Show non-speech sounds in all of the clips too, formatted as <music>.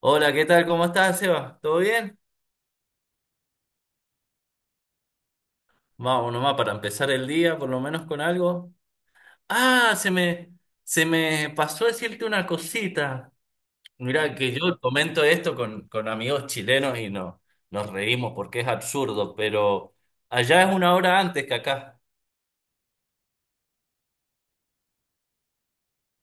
Hola, ¿qué tal? ¿Cómo estás, Seba? ¿Todo bien? Vamos nomás para empezar el día, por lo menos con algo. Ah, se me, se me pasó decirte una cosita. Mirá, que yo comento esto con amigos chilenos y no, nos reímos porque es absurdo, pero allá es una hora antes que acá.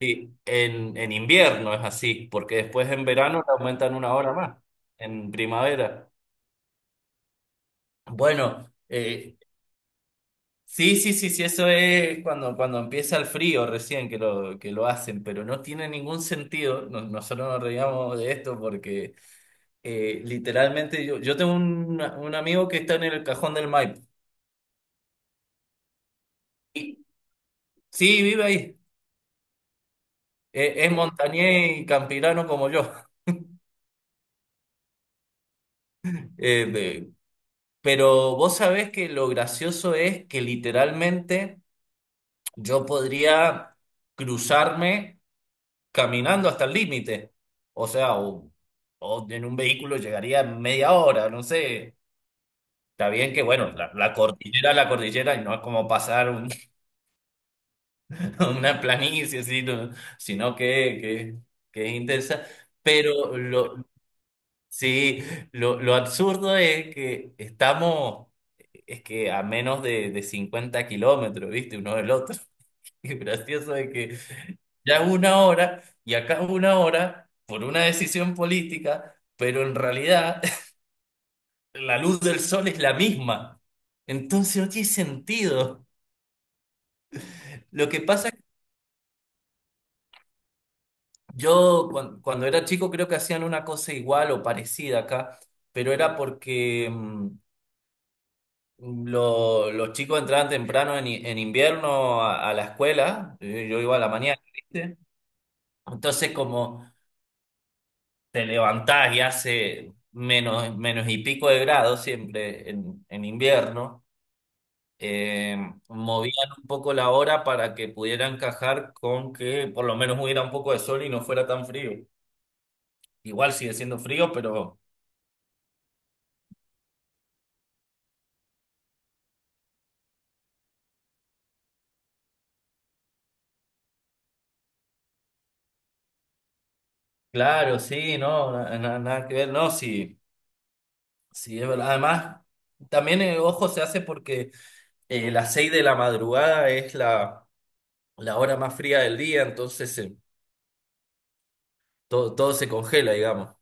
Sí, en invierno es así, porque después en verano le aumentan una hora más, en primavera. Bueno. Sí, sí, sí, sí, eso es cuando empieza el frío recién que que lo hacen, pero no tiene ningún sentido. Nosotros nos reíamos de esto porque literalmente yo tengo un amigo que está en el Cajón del Maipo. Y, sí, vive ahí. Es, montañés y campirano como yo. <laughs> Eh, de- pero vos sabés que lo gracioso es que literalmente yo podría cruzarme caminando hasta el límite. O sea, o en un vehículo llegaría en media hora, no sé. Está bien que, bueno, la cordillera, y no es como pasar <laughs> una planicie, sino, sino que, que, que es intensa. Pero lo, sí, lo absurdo es que estamos, es que a menos de 50 kilómetros, ¿viste? Uno del otro. <laughs> Y gracioso es que ya una hora y acá una hora por una decisión política, pero en realidad <laughs> la luz del sol es la misma. Entonces no tiene sentido. Lo que pasa es que yo era chico creo que hacían una cosa igual o parecida acá, pero era porque los chicos entraban temprano en invierno a la escuela, yo iba a la mañana, ¿viste? Entonces como... te levantás y hace menos, menos y pico de grados siempre en invierno, eh, movían un poco la hora para que pudiera encajar con que por lo menos hubiera un poco de sol y no fuera tan frío. Igual sigue siendo frío, pero claro, sí, no, nada que ver, no, sí, sí, es verdad. Además, también el ojo se hace porque las seis de la madrugada es la, la hora más fría del día, entonces todo, todo se congela, digamos.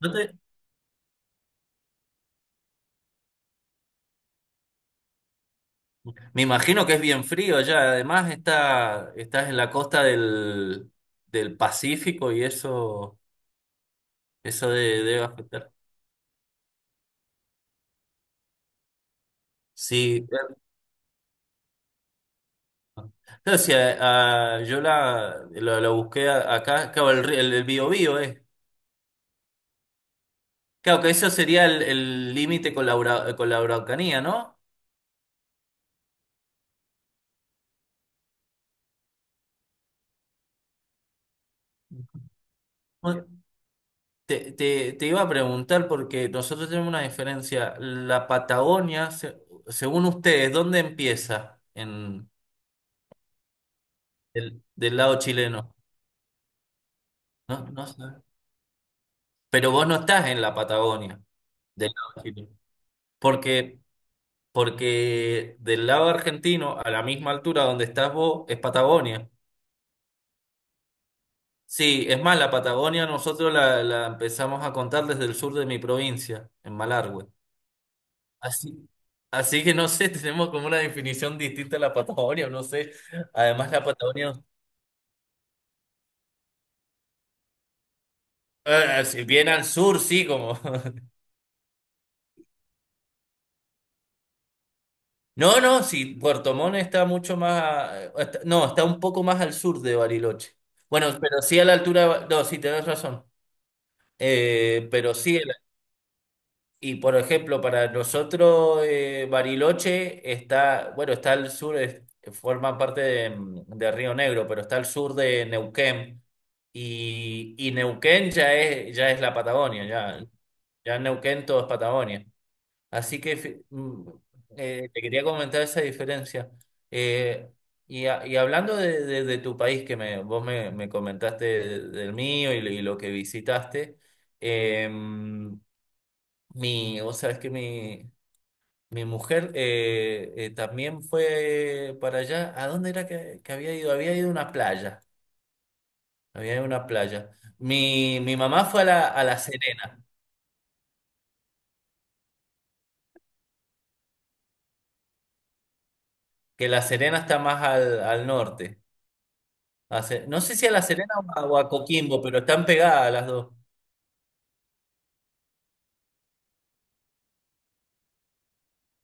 ¿No te, Me imagino que es bien frío allá. Además, está, estás en la costa del Pacífico y eso, debe afectar. Sí, o sea, yo lo busqué acá, claro, el Biobío, Claro, que eso sería el límite con la, con la Araucanía, ¿no? Bueno, te iba a preguntar porque nosotros tenemos una diferencia. Según ustedes, ¿dónde empieza? En, del lado chileno. No, no sé. Pero vos no estás en la Patagonia del lado argentino. Porque, porque del lado argentino, a la misma altura donde estás vos, es Patagonia. Sí, es más, la Patagonia nosotros la empezamos a contar desde el sur de mi provincia, en Malargüe. Así, así que no sé, <laughs> tenemos como una definición distinta a la Patagonia, no sé. Además, la Patagonia, si bien al sur, sí, como. <laughs> No, no, sí, Puerto Montt está mucho más, no, está un poco más al sur de Bariloche. Bueno, pero sí a la altura, no, sí, tenés razón. Eh, pero sí, el- y por ejemplo, para nosotros Bariloche está, bueno, está al sur, forma parte de Río Negro, pero está al sur de Neuquén. Y Neuquén ya es la Patagonia, ya, ya en Neuquén todo es Patagonia. Así que te quería comentar esa diferencia. Eh, y, y hablando de tu país, que me, vos me, me comentaste del mío y lo que visitaste, eh, vos sabés que mi mujer también fue para allá. ¿A dónde era que había ido? Había ido a una playa. Había ido a una playa. Mi mamá fue a La Serena, que La Serena está más al norte. No sé si a La Serena o a Coquimbo, pero están pegadas las dos.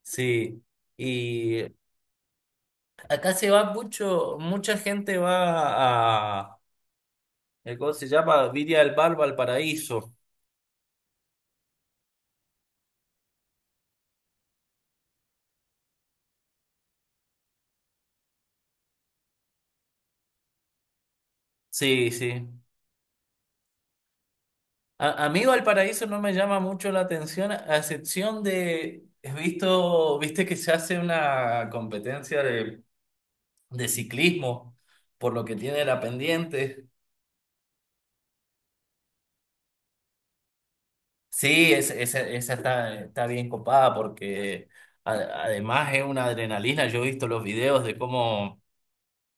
Sí. Y acá se va mucho, mucha gente va a, ¿cómo se llama? Viria del Bar, Valparaíso. Sí, sí. A mí Valparaíso no me llama mucho la atención, a excepción de, he visto, viste que se hace una competencia de ciclismo, por lo que tiene la pendiente. Sí, esa esa está, está bien copada porque a- además es una adrenalina. Yo he visto los videos de cómo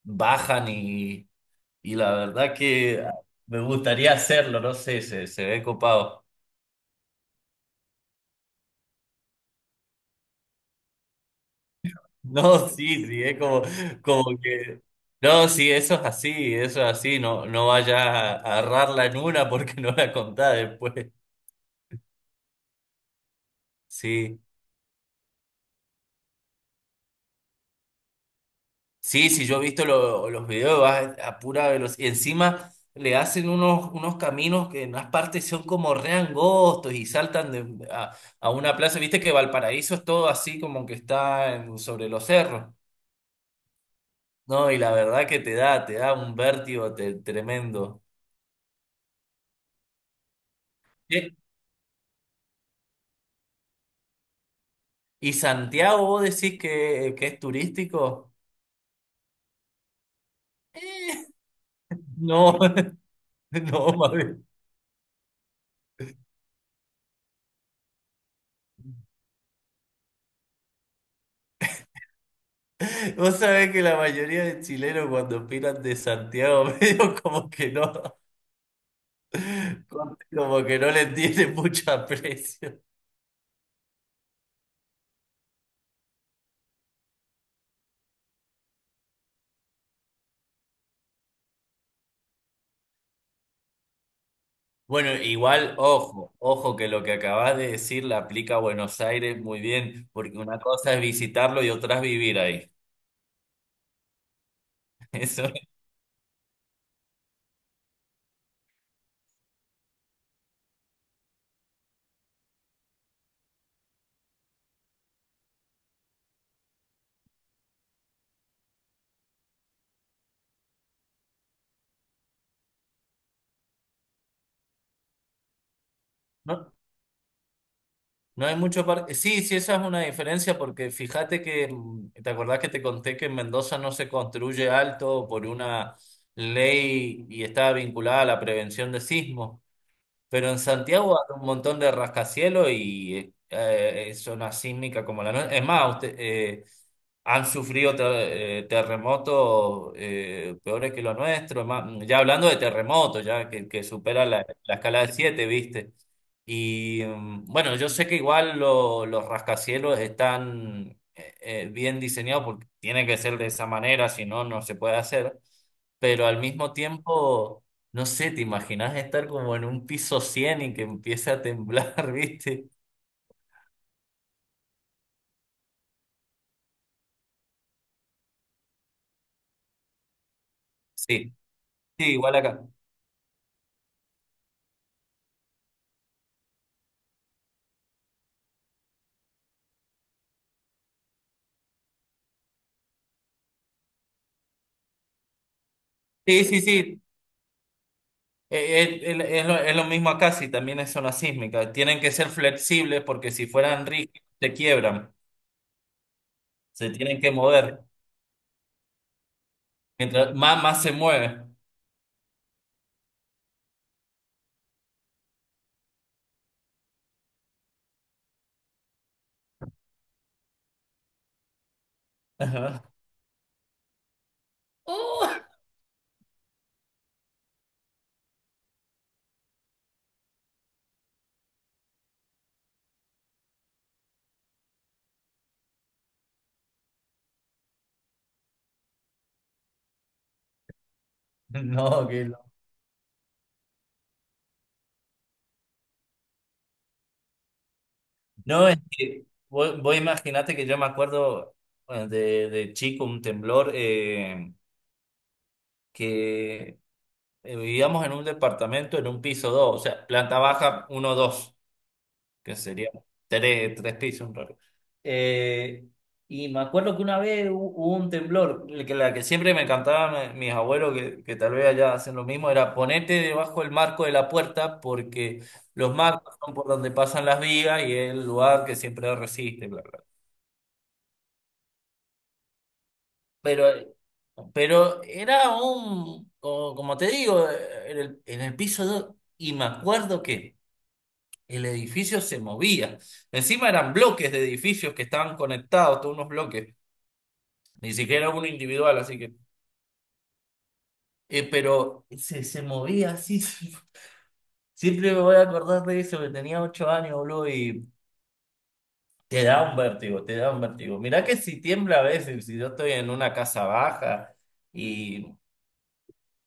bajan y la verdad que me gustaría hacerlo, no sé, se ve copado. <laughs> No, sí, sí, es como, como que... No, sí, eso es así, no, no vayas a agarrarla en una porque no la contás después. Sí. Sí, sí, yo he visto los videos, va a pura velocidad. Y encima le hacen unos, unos caminos que en unas partes son como re angostos y saltan a una plaza. Viste que Valparaíso es todo así como que está sobre los cerros. No, y la verdad que te da un vértigo tremendo. ¿Eh? ¿Y Santiago vos decís que es turístico? Eh, No, <laughs> no, mami. Vos sabés que la mayoría de chilenos cuando opinan de Santiago <laughs> medio como que no. Como que no le tiene mucho aprecio. Bueno, igual, ojo, ojo que lo que acabas de decir le aplica a Buenos Aires muy bien, porque una cosa es visitarlo y otra es vivir ahí. <laughs> Eso, no, no hay mucho parque. Sí, sí, esa es una diferencia, porque fíjate que, ¿te acordás que te conté que en Mendoza no se construye alto por una ley y está vinculada a la prevención de sismos? Pero en Santiago hay un montón de rascacielos y zona sísmica como la nuestra. Es más, usted, han sufrido terremotos peores que los nuestros. Ya hablando de terremotos, ya que supera la, la escala de siete, ¿viste? Y bueno, yo sé que igual los rascacielos están bien diseñados porque tiene que ser de esa manera, si no, no se puede hacer, pero al mismo tiempo no sé, ¿te imaginas estar como en un piso 100 y que empiece a temblar, <laughs> viste? Sí, sí, igual acá. Sí, sí, sí. Es lo mismo acá, si también es zona sísmica. Tienen que ser flexibles porque si fueran rígidos se quiebran, se tienen que mover. Mientras más, más se mueven. Ajá. <laughs> ¡Oh! No, que no. No, es que vos imaginate que yo me acuerdo, bueno, de chico un temblor que vivíamos en un departamento en un piso dos, o sea, planta baja uno, dos, que sería tres, tres pisos en realidad. Eh, y me acuerdo que una vez hubo un temblor, el que la que siempre me cantaban mis abuelos, que tal vez allá hacen lo mismo, era ponete debajo del marco de la puerta porque los marcos son por donde pasan las vigas y es el lugar que siempre resiste, bla, bla. Pero eh, pero era un, como, como te digo, en el piso 2 y me acuerdo que el edificio se movía. Encima eran bloques de edificios que estaban conectados, todos unos bloques. Ni siquiera uno individual, así que se movía así. <laughs> Sí. Siempre me voy a acordar de eso, que tenía ocho años, boludo, y te da un vértigo, te da un vértigo. Mirá que si tiembla a veces, si yo estoy en una casa baja y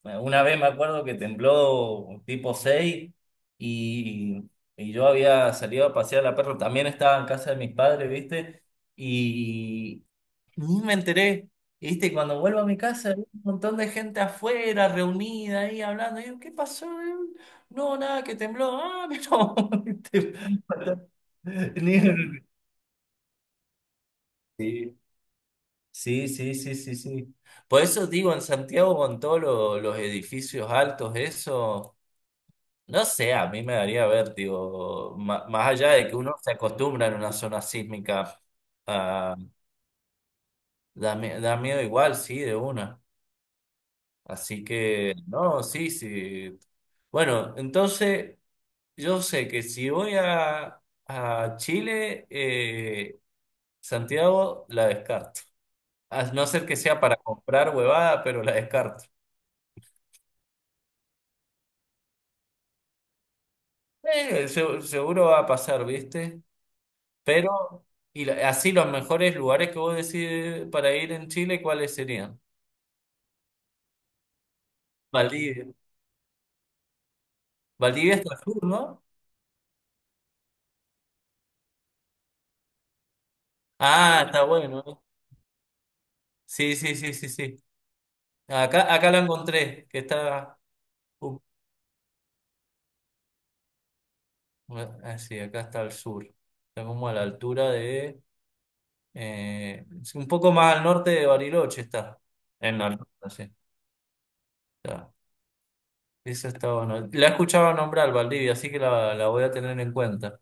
bueno, una vez me acuerdo que tembló tipo 6 y, y yo había salido a pasear a la perro, también estaba en casa de mis padres, ¿viste? Y ni me enteré, ¿viste? Y cuando vuelvo a mi casa, había un montón de gente afuera, reunida ahí hablando. Y yo, ¿qué pasó? No, nada, que tembló. Pero... <laughs> ¿viste? Sí, sí, sí, sí, sí, sí. Por eso digo, en Santiago con todos los edificios altos, eso... No sé, a mí me daría vértigo, más allá de que uno se acostumbra en una zona sísmica, ah, da, da miedo igual, sí, de una. Así que, no, sí, sí. Bueno, entonces yo sé que si voy a Chile, Santiago la descarto. A no ser que sea para comprar huevada, pero la descarto. Seguro va a pasar, ¿viste? Pero, y así los mejores lugares que vos decís para ir en Chile, ¿cuáles serían? Valdivia. Valdivia está al sur, ¿no? Ah, está bueno. ¿eh? Sí, sí, sí, sí, sí. Acá, acá la encontré, que está. uh, sí, acá está al sur. Está como a la altura de. Es un poco más al norte de Bariloche está. En la altura, sí. Está. Eso está bueno. La he escuchado nombrar, Valdivia, así que la voy a tener en cuenta.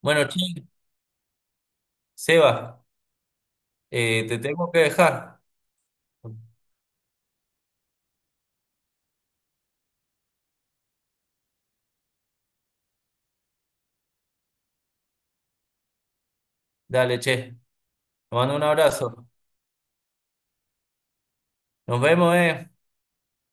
Bueno, che, Seba, te tengo que dejar. Dale, che. Te mando un abrazo. Nos vemos, eh.